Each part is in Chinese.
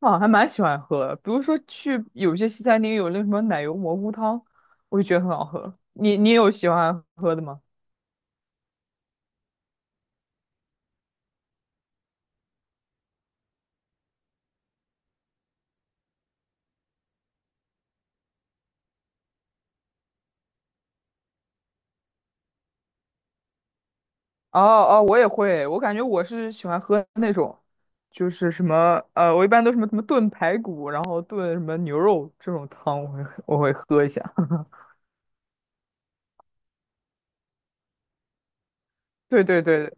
啊，还蛮喜欢喝的。比如说去有些西餐厅有那什么奶油蘑菇汤，我就觉得很好喝。你有喜欢喝的吗？哦哦，我也会。我感觉我是喜欢喝那种，就是什么,我一般都什么什么炖排骨，然后炖什么牛肉这种汤，我会喝一下。对对对，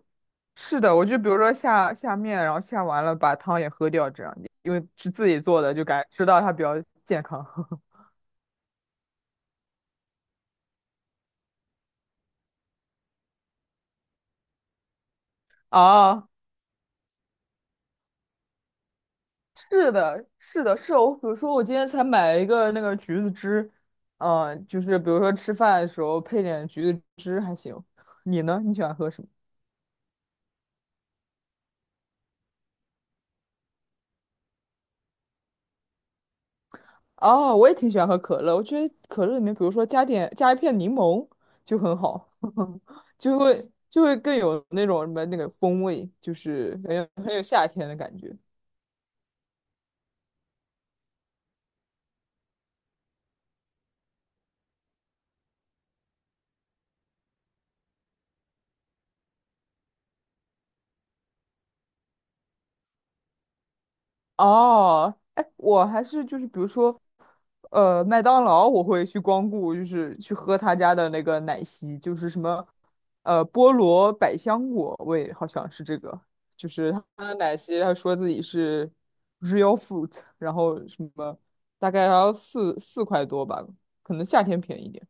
是的，我就比如说下面，然后下完了把汤也喝掉，这样因为是自己做的，就感觉吃到它比较健康。哦，是的，是的，是我，比如说我今天才买了一个那个橘子汁，就是比如说吃饭的时候配点橘子汁还行。你呢？你喜欢喝什么？哦，我也挺喜欢喝可乐，我觉得可乐里面，比如说加一片柠檬就很好，就会更有那种什么那个风味，就是很有夏天的感觉。哦，哎，我还是就是比如说，麦当劳我会去光顾，就是去喝他家的那个奶昔，就是什么，菠萝百香果味，好像是这个，就是他的奶昔，他说自己是 real fruit，然后什么大概要四块多吧，可能夏天便宜一点。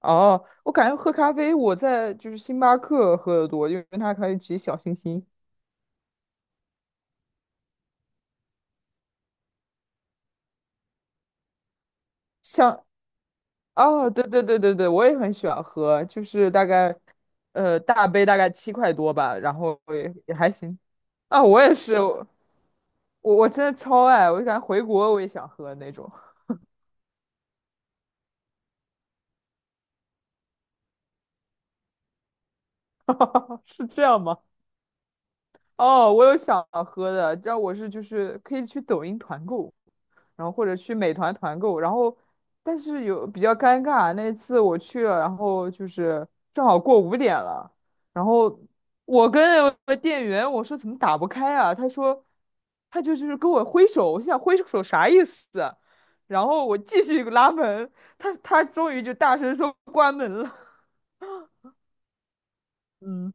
哦，我感觉喝咖啡我在就是星巴克喝的多，因为它可以挤小星星。像哦，对对对对对，我也很喜欢喝，就是大概，大杯大概7块多吧，然后也还行。啊，我也是，我真的超爱，我就感觉回国我也想喝那种。是这样吗？哦，我有想喝的，这样我是就是可以去抖音团购，然后或者去美团团购，然后但是有比较尴尬，那次我去了，然后就是正好过5点了，然后我跟我的店员我说怎么打不开啊？他说他就是跟我挥手，我心想挥手啥意思啊，然后我继续拉门，他终于就大声说关门了。嗯，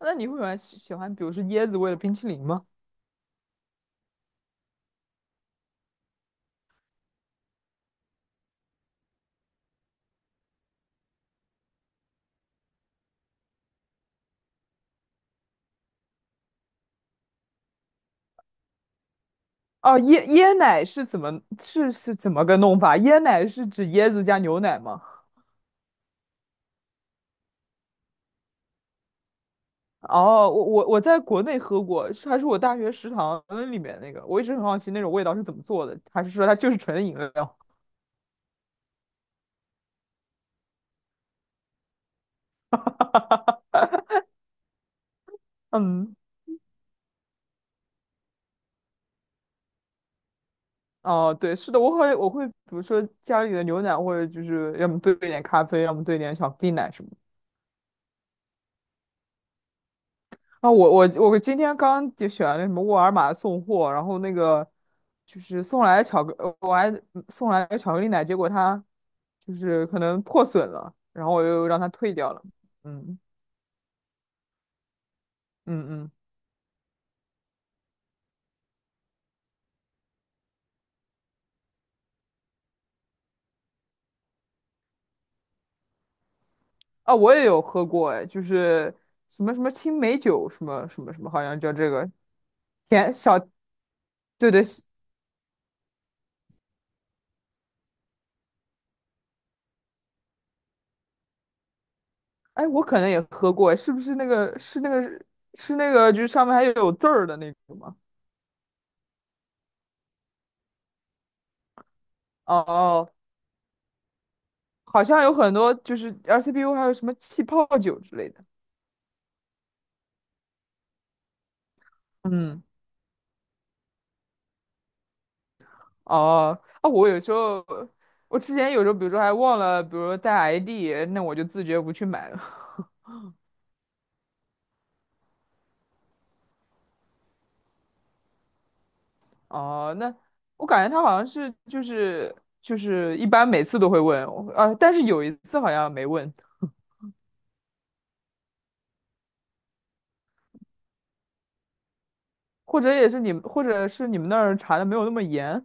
那你会喜欢比如说椰子味的冰淇淋吗？哦，椰奶是怎么个弄法？椰奶是指椰子加牛奶吗？哦，我在国内喝过，是还是我大学食堂里面那个，我一直很好奇那种味道是怎么做的，还是说它就是纯的饮料？嗯，哦，对，是的，我会比如说家里的牛奶，或者就是要么兑一点咖啡，要么兑一点巧克力奶什么的。啊，我今天刚就选了什么沃尔玛送货，然后那个就是送来巧克，我还送来巧克力奶，结果它就是可能破损了，然后我又让它退掉了。嗯嗯嗯，啊，我也有喝过，哎，就是什么什么青梅酒，什么什么什么，好像叫这个甜小，对对，哎，我可能也喝过，哎是不是那个是那个就是上面还有字儿的那个吗？哦哦哦，好像有很多就是 RCPU 还有什么气泡酒之类的。嗯，哦，啊，我有时候，我之前有时候，比如说还忘了，比如说带 ID，那我就自觉不去买了。哦，那我感觉他好像是就是一般每次都会问，我啊，但是有一次好像没问，或者也是你们，或者是你们那儿查的没有那么严。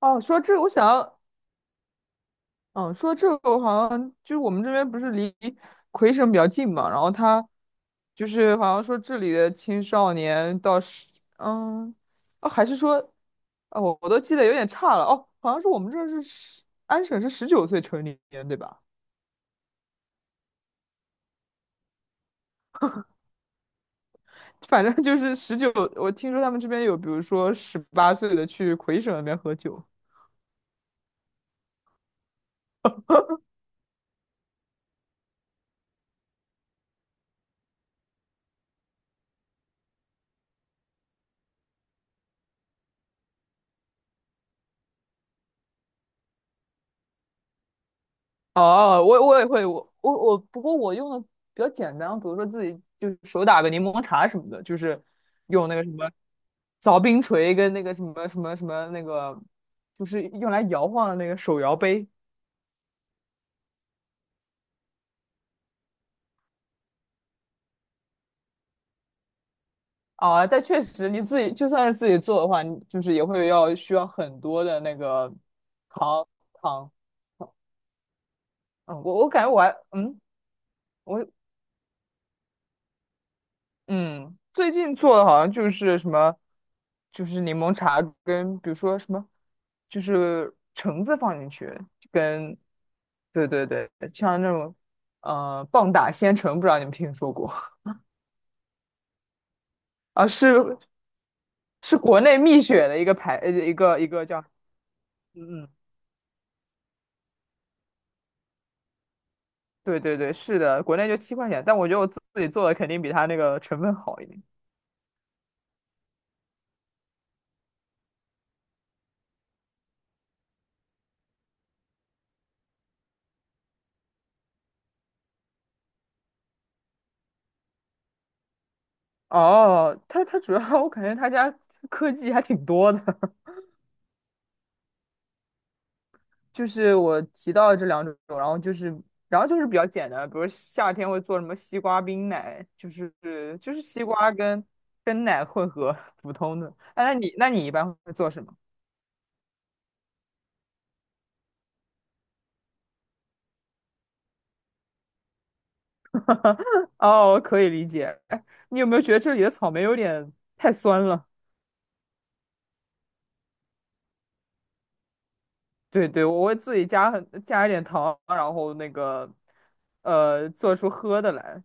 哦，说这个，我想要。嗯，说到这个好像就是我们这边不是离魁省比较近嘛，然后他就是好像说这里的青少年到十，嗯，哦还是说，哦，我都记得有点差了，哦，好像是我们这儿是十，安省是19岁成年，对吧？反正就是19，我听说他们这边有，比如说18岁的去魁省那边喝酒。哦，我也会，我，不过我用的比较简单，比如说自己就是手打个柠檬茶什么的，就是用那个什么凿冰锤跟那个什么什么什么那个，就是用来摇晃的那个手摇杯啊。但确实你自己就算是自己做的话，你就是也会要需要很多的那个糖糖。嗯，我感觉我还嗯，我嗯，最近做的好像就是什么，就是柠檬茶跟比如说什么，就是橙子放进去，跟，对对对，像那种，棒打鲜橙，不知道你们听说过啊？是，是国内蜜雪的一个牌，一个叫，嗯嗯，对对对，是的，国内就7块钱，但我觉得我自己做的肯定比它那个成分好一点。哦，它主要 我感觉它家科技还挺多的。就是我提到的这两种，然后就是，然后就是比较简单，比如夏天会做什么西瓜冰奶，就是就是西瓜跟跟奶混合，普通的。哎，那你一般会做什么？哦，可以理解。哎，你有没有觉得这里的草莓有点太酸了？对对，我会自己加一点糖，然后那个做出喝的来。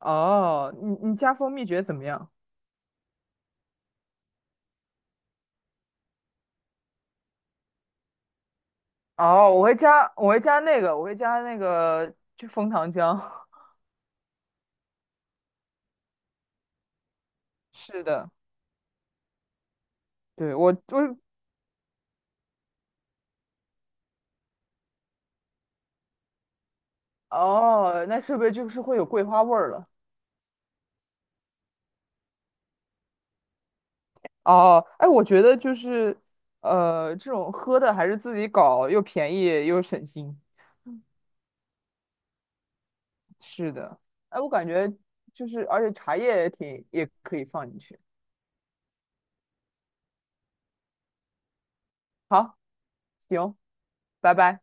哦，你加蜂蜜觉得怎么样？哦，我会加，我会加那个，我会加那个，就枫糖浆。是的，对，我就是，哦，那是不是就是会有桂花味儿了？哦，哎，我觉得就是，这种喝的还是自己搞，又便宜又省心。是的，哎，我感觉就是，而且茶叶也挺，也可以放进去。好，行，拜拜。